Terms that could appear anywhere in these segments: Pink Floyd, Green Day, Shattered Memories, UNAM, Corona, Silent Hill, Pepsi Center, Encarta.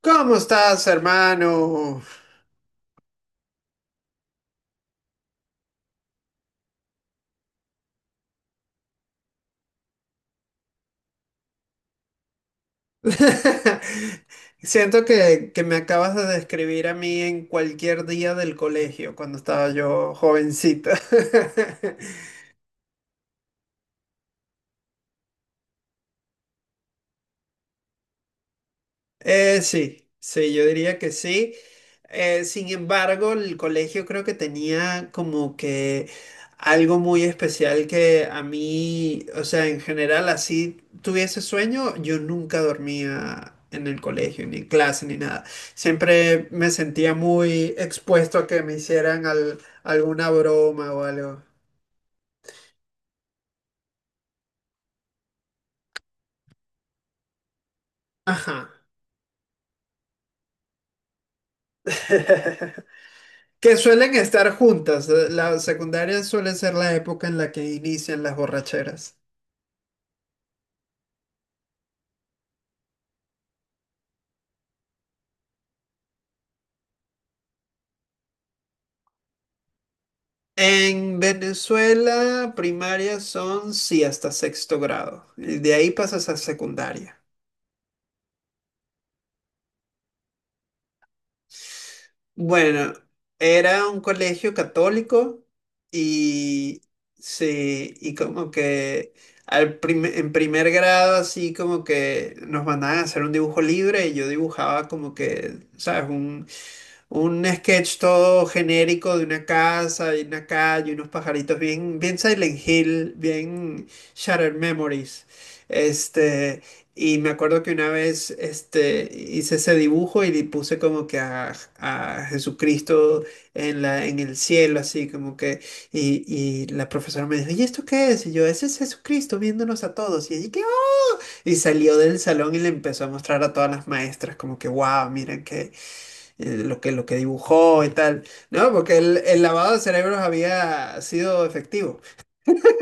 ¿Cómo estás, hermano? Siento que me acabas de describir a mí en cualquier día del colegio, cuando estaba yo jovencita. Sí, sí, yo diría que sí. Sin embargo, el colegio creo que tenía como que algo muy especial que a mí, o sea, en general, así tuviese sueño, yo nunca dormía en el colegio, ni en clase, ni nada. Siempre me sentía muy expuesto a que me hicieran alguna broma o algo. Ajá. Que suelen estar juntas. La secundaria suele ser la época en la que inician las borracheras. En Venezuela, primaria son, sí, hasta sexto grado. Y de ahí pasas a secundaria. Bueno, era un colegio católico y sí, y como que en primer grado así como que nos mandaban a hacer un dibujo libre y yo dibujaba como que, ¿sabes? Un sketch todo genérico de una casa y una calle, unos pajaritos, bien, bien Silent Hill, bien Shattered Memories. Este, y me acuerdo que una vez este, hice ese dibujo y le puse como que a Jesucristo en el cielo, así como que. Y la profesora me dijo, ¿y esto qué es? Y yo, ese es Jesucristo viéndonos a todos. Y allí, ¿qué? Y salió del salón y le empezó a mostrar a todas las maestras, como que, wow, miren que lo que dibujó y tal, ¿no? Porque el lavado de cerebros había sido efectivo.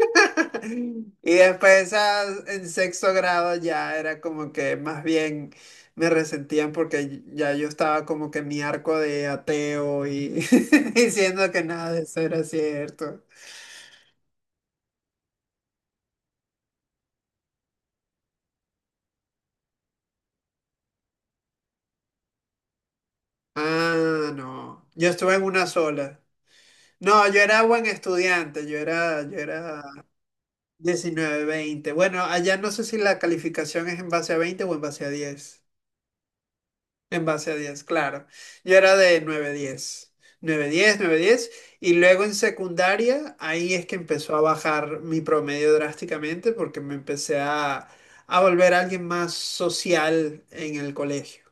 Y después en sexto grado ya era como que más bien me resentían porque ya yo estaba como que en mi arco de ateo y diciendo que nada de eso era cierto. Ah, no. Yo estuve en una sola. No, yo era buen estudiante, yo era 19 20. Bueno, allá no sé si la calificación es en base a 20 o en base a 10. En base a diez, claro. Yo era de 9 10, 9 10, 9 10. Y luego en secundaria, ahí es que empezó a bajar mi promedio drásticamente porque me empecé a volver alguien más social en el colegio.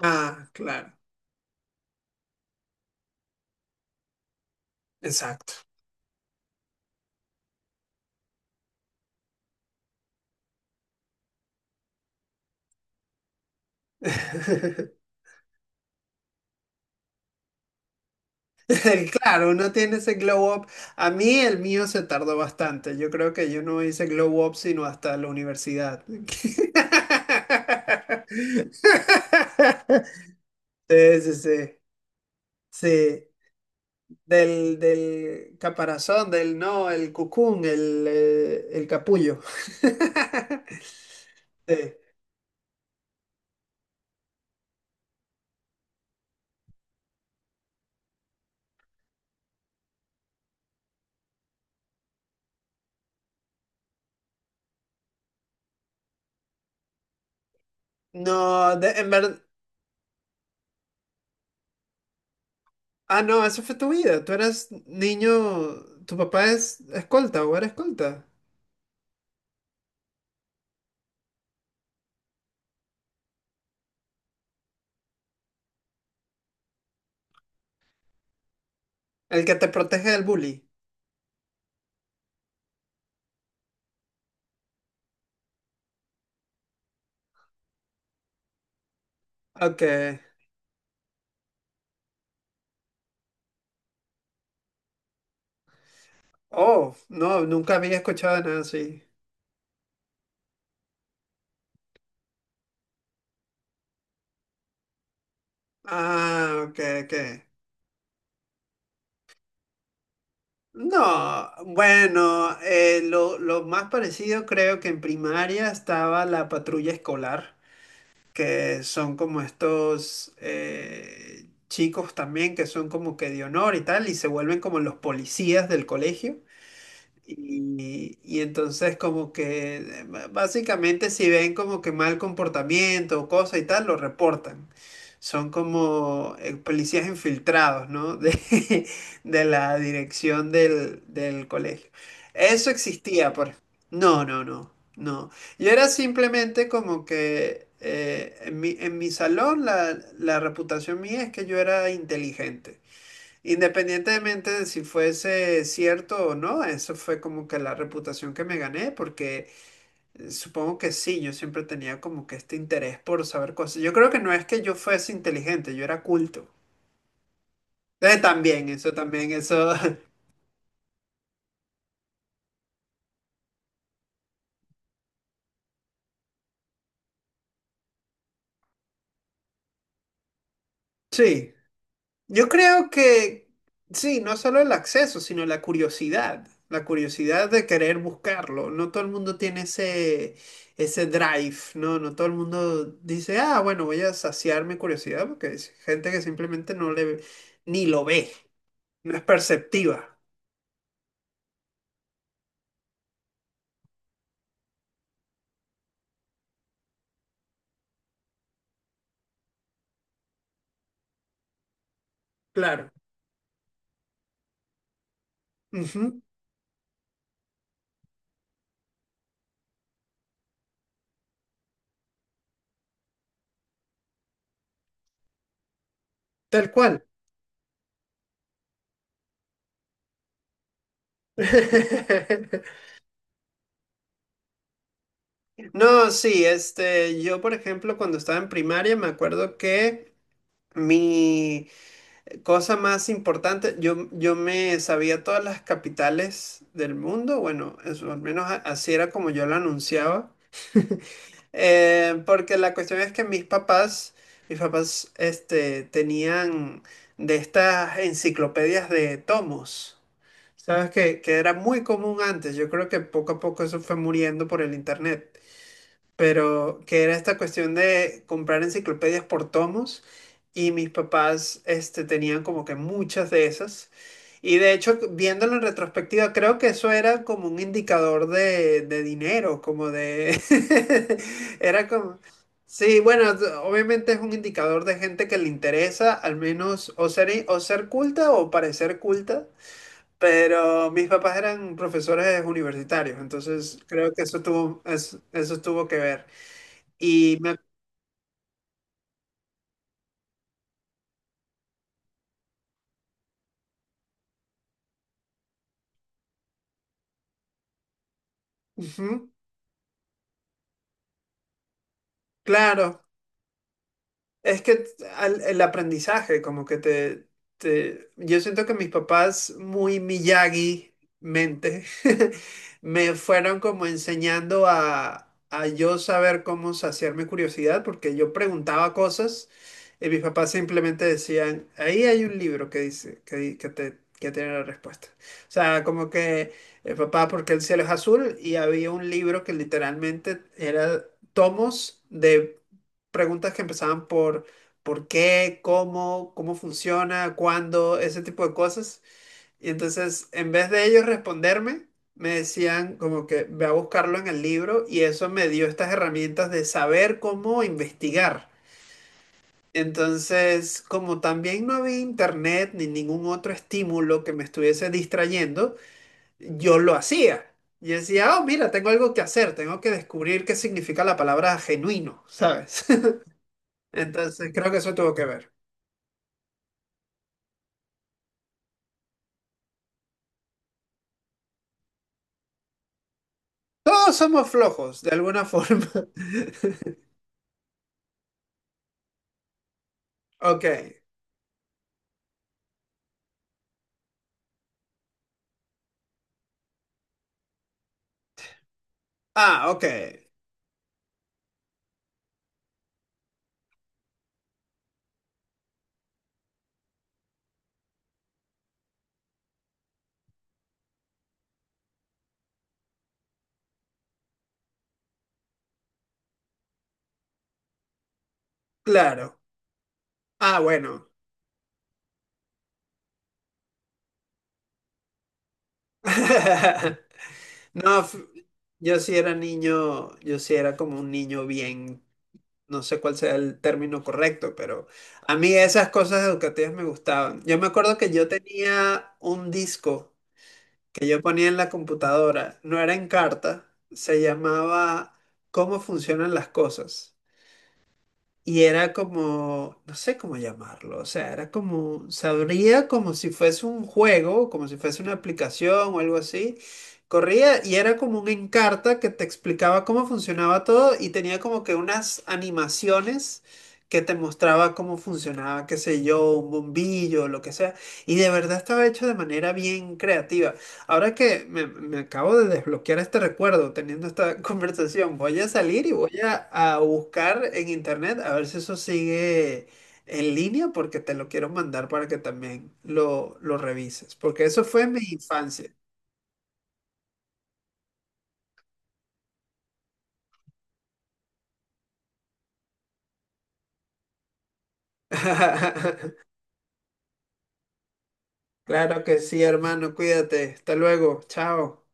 Ah, claro. Exacto. Claro, uno tiene ese glow up. A mí el mío se tardó bastante. Yo creo que yo no hice glow up sino hasta la universidad. Sí, sí, sí. Sí. Del, del caparazón, del no, el cucún, el capullo. Sí. No, en verdad. Ah, no, eso fue tu vida. Tú eras niño. Tu papá es escolta o era escolta. El que te protege del bully. Ok. Oh, no, nunca había escuchado nada así. Ah, ok, ok. No, bueno, lo más parecido creo que en primaria estaba la patrulla escolar, que son como estos chicos también que son como que de honor y tal, y se vuelven como los policías del colegio. Y entonces como que básicamente si ven como que mal comportamiento o cosa y tal, lo reportan. Son como policías infiltrados, ¿no? De la dirección del colegio. Eso existía, por... No, no, no, no. Yo era simplemente como que en mi salón la reputación mía es que yo era inteligente. Independientemente de si fuese cierto o no, eso fue como que la reputación que me gané, porque supongo que sí, yo siempre tenía como que este interés por saber cosas. Yo creo que no es que yo fuese inteligente, yo era culto. También, eso también, eso, sí. Yo creo que sí, no solo el acceso, sino la curiosidad de querer buscarlo. No todo el mundo tiene ese, ese drive, ¿no? No todo el mundo dice, ah, bueno, voy a saciar mi curiosidad, porque es gente que simplemente no le, ni lo ve, no es perceptiva. Claro. Ujú. Tal cual. No, sí, este, yo por ejemplo cuando estaba en primaria me acuerdo que mi cosa más importante, yo me sabía todas las capitales del mundo, bueno, eso, al menos así era como yo lo anunciaba. Porque la cuestión es que mis papás, este, tenían de estas enciclopedias de tomos, ¿sabes? Que era muy común antes, yo creo que poco a poco eso fue muriendo por el internet, pero que era esta cuestión de comprar enciclopedias por tomos y mis papás este, tenían como que muchas de esas. Y de hecho, viéndolo en retrospectiva, creo que eso era como un indicador de dinero, como de... Era como... Sí, bueno, obviamente es un indicador de gente que le interesa, al menos o ser culta o parecer culta, pero mis papás eran profesores universitarios, entonces creo que eso tuvo, eso tuvo que ver. Y me, ujú, claro. Es que el aprendizaje, como que te- Yo siento que mis papás, muy Miyagi mente, me fueron como enseñando a yo saber cómo saciar mi curiosidad, porque yo preguntaba cosas y mis papás simplemente decían, ahí hay un libro que dice, que, di- que te, que tiene la respuesta. O sea, como que, papá, ¿porque el cielo es azul? Y había un libro que literalmente era tomos de preguntas que empezaban por cómo, cómo funciona, cuándo, ese tipo de cosas. Y entonces, en vez de ellos responderme, me decían como que ve a buscarlo en el libro y eso me dio estas herramientas de saber cómo investigar. Entonces, como también no había internet ni ningún otro estímulo que me estuviese distrayendo, yo lo hacía. Y decía, oh, mira, tengo algo que hacer, tengo que descubrir qué significa la palabra genuino, ¿sabes? Entonces, creo que eso tuvo que ver. Todos somos flojos, de alguna forma. Ok. Ah, ok. Claro. Ah, bueno. No, yo sí era niño, yo sí era como un niño bien, no sé cuál sea el término correcto, pero a mí esas cosas educativas me gustaban. Yo me acuerdo que yo tenía un disco que yo ponía en la computadora, no era en carta, se llamaba ¿Cómo funcionan las cosas? Y era como, no sé cómo llamarlo, o sea, era como, se abría como si fuese un juego, como si fuese una aplicación o algo así. Corría y era como un Encarta que te explicaba cómo funcionaba todo y tenía como que unas animaciones que te mostraba cómo funcionaba, qué sé yo, un bombillo, lo que sea. Y de verdad estaba hecho de manera bien creativa. Ahora que me acabo de desbloquear este recuerdo teniendo esta conversación, voy a salir y voy a buscar en internet a ver si eso sigue en línea porque te lo quiero mandar para que también lo revises, porque eso fue mi infancia. Claro que sí, hermano, cuídate. Hasta luego. Chao.